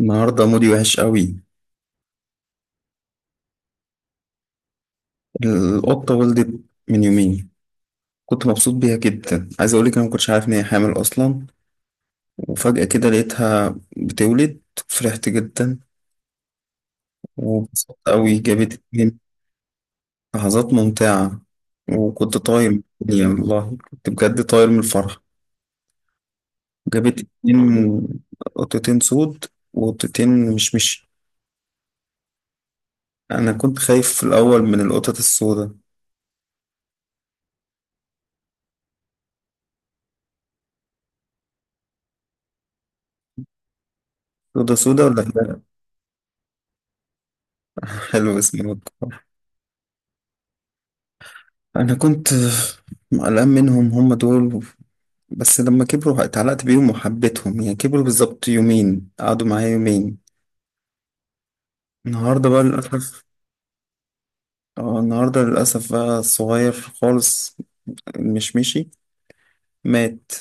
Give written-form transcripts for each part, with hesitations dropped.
النهاردة مودي وحش قوي. القطة ولدت من يومين. كنت مبسوط بيها جدا، عايز أقولك أنا مكنتش عارف إن هي حامل أصلا، وفجأة كده لقيتها بتولد. فرحت جدا وبسطت قوي، جابت اتنين. لحظات ممتعة، وكنت طاير من الدنيا، والله كنت بجد طاير من الفرحة. جابت اتنين قطتين سود وقطتين مش مش أنا كنت خايف في الأول من القطط السوداء. سودا سودا ولا حلو؟ حلو اسمه. انا كنت قلقان منهم هم دول، بس لما كبروا اتعلقت بيهم وحبيتهم، يعني كبروا بالظبط يومين، قعدوا معايا يومين. النهارده بقى للاسف آه، النهارده للاسف بقى الصغير خالص مش مشي، مات.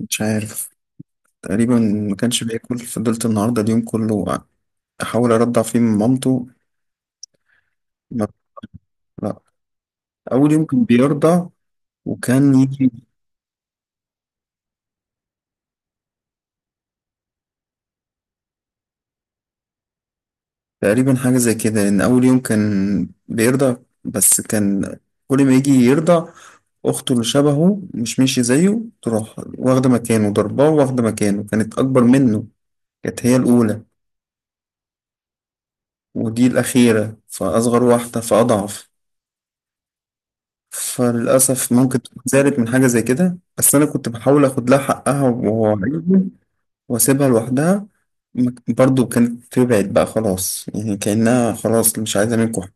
مش عارف تقريبا، ما كانش بياكل، فضلت النهارده اليوم كله احاول ارضع فيه من مامته. ما لا، اول يوم كان بيرضع وكان يجي. تقريبا حاجة زي كده، لأن أول يوم كان بيرضع، بس كان كل ما يجي يرضع أخته اللي شبهه مش ماشي زيه تروح واخدة مكانه، ضرباه واخدة مكانه، كانت أكبر منه، كانت هي الأولى. ودي الأخيرة فأصغر واحدة فأضعف، فللأسف ممكن تكون زعلت من حاجة زي كده، بس أنا كنت بحاول أخد لها حقها وهو عايزه وأسيبها لوحدها. برضه كانت تبعد بقى خلاص، يعني كأنها خلاص مش عايزة منكم حاجة.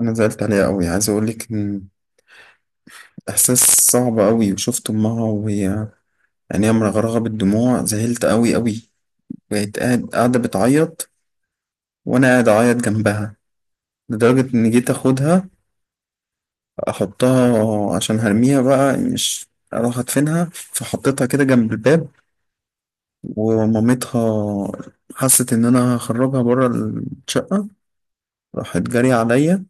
أنا زعلت عليها أوي، عايز أقولك إن إحساس صعب أوي، وشفت أمها وهي عينيها مرغرغة بالدموع، زعلت أوي أوي. بقت قاعدة بتعيط وأنا قاعد أعيط جنبها، لدرجة إن جيت أخدها أحطها عشان هرميها بقى، مش أروح أدفنها، فحطيتها كده جنب الباب، ومامتها حست إن أنا هخرجها بره الشقة، راحت جري عليا.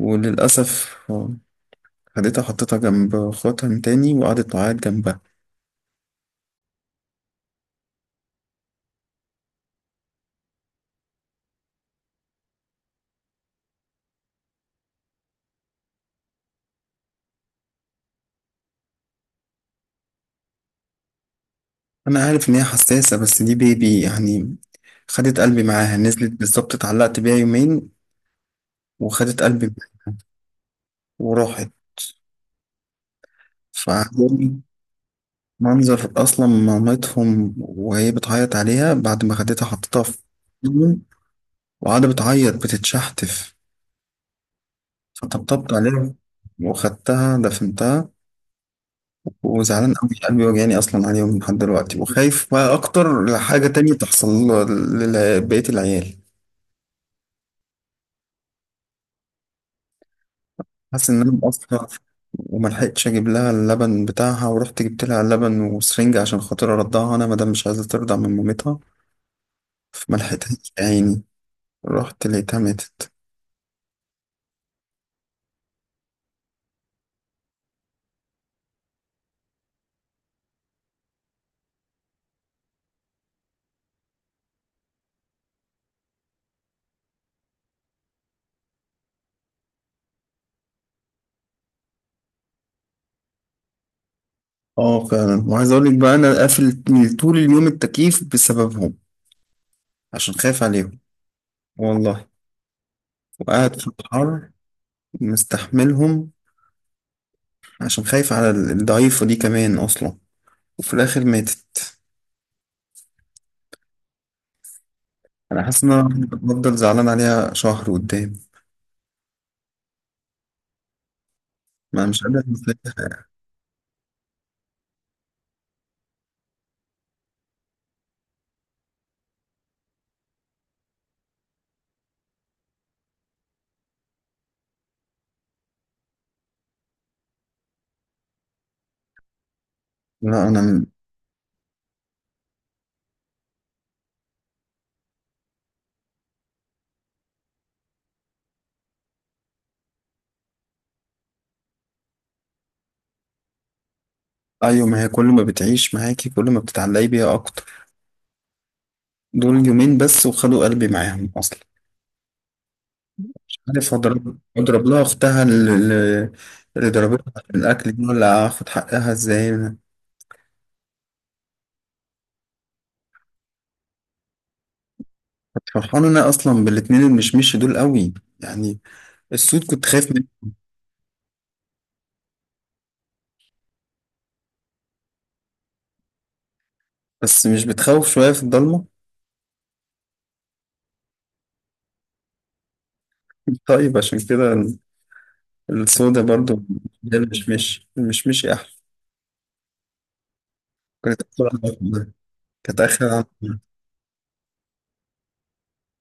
وللأسف خدتها حطيتها جنب خواتها تاني، وقعدت تعيط جنبها. أنا عارف إن هي حساسة، بس دي بيبي يعني، خدت قلبي معاها، نزلت بالظبط اتعلقت بيها يومين وخدت قلبي معاها وراحت. فعجبني منظر أصلا مامتهم وهي بتعيط عليها بعد ما خدتها حطيتها في جنب، وقاعدة بتعيط بتتشحتف. فطبطبت عليها وخدتها دفنتها، وزعلان قوي، قلبي وجعني أصلا عليهم لحد دلوقتي، وخايف بقى أكتر لحاجة تانية تحصل لبقية العيال. حاسس ان انا مقصر، وما لحقتش اجيب لها اللبن بتاعها، ورحت جبت لها لبن وسرنج عشان خاطر ارضعها انا، مادام مش عايزه ترضع من مامتها، فما لحقتهاش يا عيني، رحت لقيتها ماتت. اه فعلا، وعايز اقول لك بقى انا قافل طول اليوم التكييف بسببهم، عشان خايف عليهم، والله، وقاعد في الحر مستحملهم عشان خايف على الضعيفه دي كمان اصلا، وفي الاخر ماتت. انا حاسس ان انا هفضل زعلان عليها شهر قدام، ما أنا مش قادر أنساها. لا انا، ايوه ما هي كل ما بتعيش معاكي كل ما بتتعلقي بيها اكتر، دول يومين بس وخدوا قلبي معاهم اصلا. مش عارف اضرب لها اختها اللي ضربتها في الاكل دي، ولا اخد حقها ازاي انا. فرحان انا اصلا بالاتنين المشمش دول قوي يعني. السود كنت خايف منه، بس مش بتخوف شويه في الضلمه؟ طيب عشان كده السودا برضو. ده المشمش المشمشي احلى. كانت اخر عن- كانت اخر عن-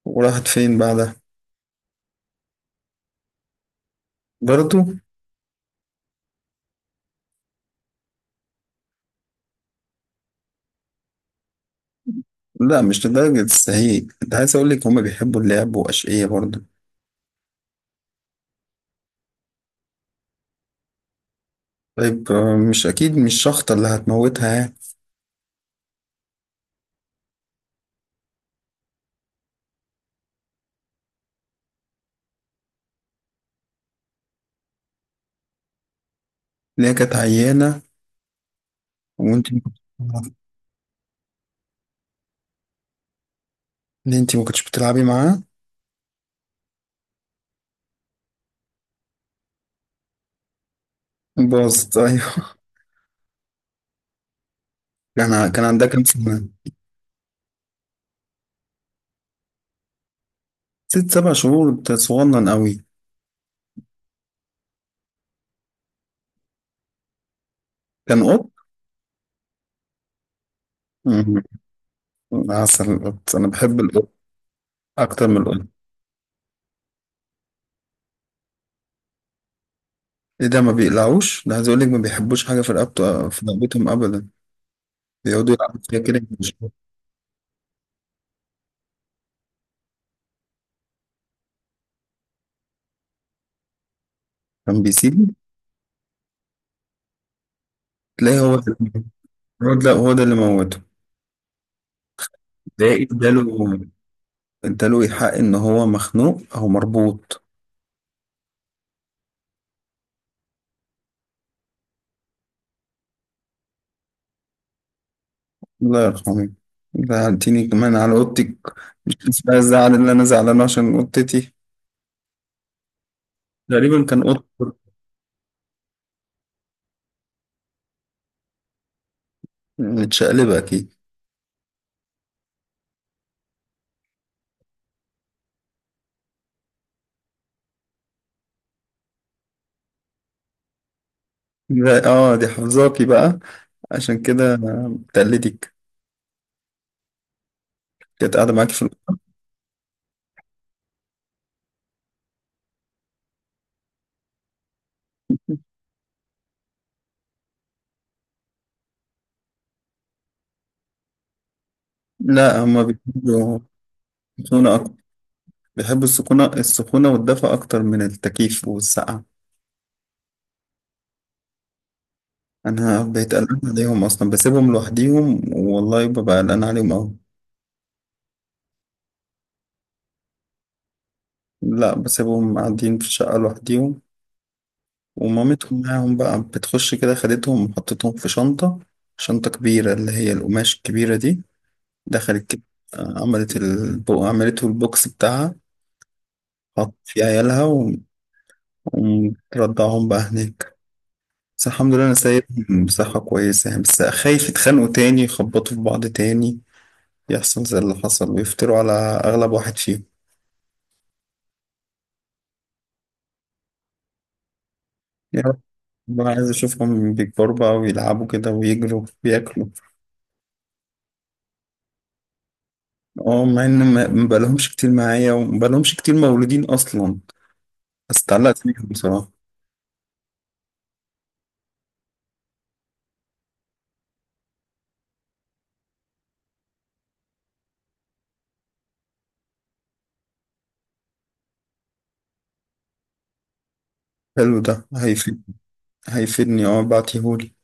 وراحت فين بعدها؟ برضو؟ لا مش لدرجة السهيج، انت عايز اقول لك هما بيحبوا اللعب واشقية برضه. طيب آه، مش اكيد مش شخطة اللي هتموتها يعني. اللي هي كانت عيانة، وانت ما كنتش بتلعبي- اللي انت ما كنتش بتلعبي معاه، باظت ايوه. كان عندها كام سنة؟ ست سبع شهور؟ انت صغنن قوي. كان قط؟ مم. عسل القط، انا بحب القط اكتر من القط. ايه ده؟ ما بيقلعوش ده، عايز اقول لك ما بيحبوش حاجة في رقبته، في رقبتهم ابدا، بيقعدوا يلعبوا فيها كده. كان بيسيب؟ تلاقي هو ده اللي موته ده. اداله اداله الحق ان هو مخنوق او مربوط. الله يرحمه. زعلتيني كمان على اوضتك، مش بس بقى الزعل اللي انا زعلانه عشان اوضتتي، غالبا كان اوضتك، متشقلبه اكيد. لا، اه دي حافظاكي بقى، عشان كده تقلدك. كانت قاعده معاكي في الأوضة. لا هما بيحبوا السكونة أكتر، بيحبوا السكونة السخونة والدفء أكتر من التكييف والسقعة. أنا بقيت قلقان عليهم أصلا، بسيبهم لوحديهم والله ببقى قلقان عليهم أوي. لا بسيبهم قاعدين في الشقة لوحديهم ومامتهم معاهم بقى، بتخش كده خدتهم وحطتهم في شنطة، شنطة كبيرة اللي هي القماش الكبيرة دي، دخلت كده آه، عملته البوكس بتاعها، حط في عيالها ومرضعهم بقى هناك. بس الحمد لله أنا سايبهم بصحة كويسة، يعني بس خايف يتخانقوا تاني، يخبطوا في بعض تاني، يحصل زي اللي حصل ويفتروا على أغلب واحد فيهم. يا رب. أنا عايز أشوفهم بيكبروا بقى ويلعبوا كده ويجروا وياكلوا. اه مع ان ما بقالهمش كتير معايا وما بقالهمش كتير مولودين اصلا، بس اتعلقت بيهم بصراحة. حلو ده، هيفيد. هيفيدني اه، بعتيهولي.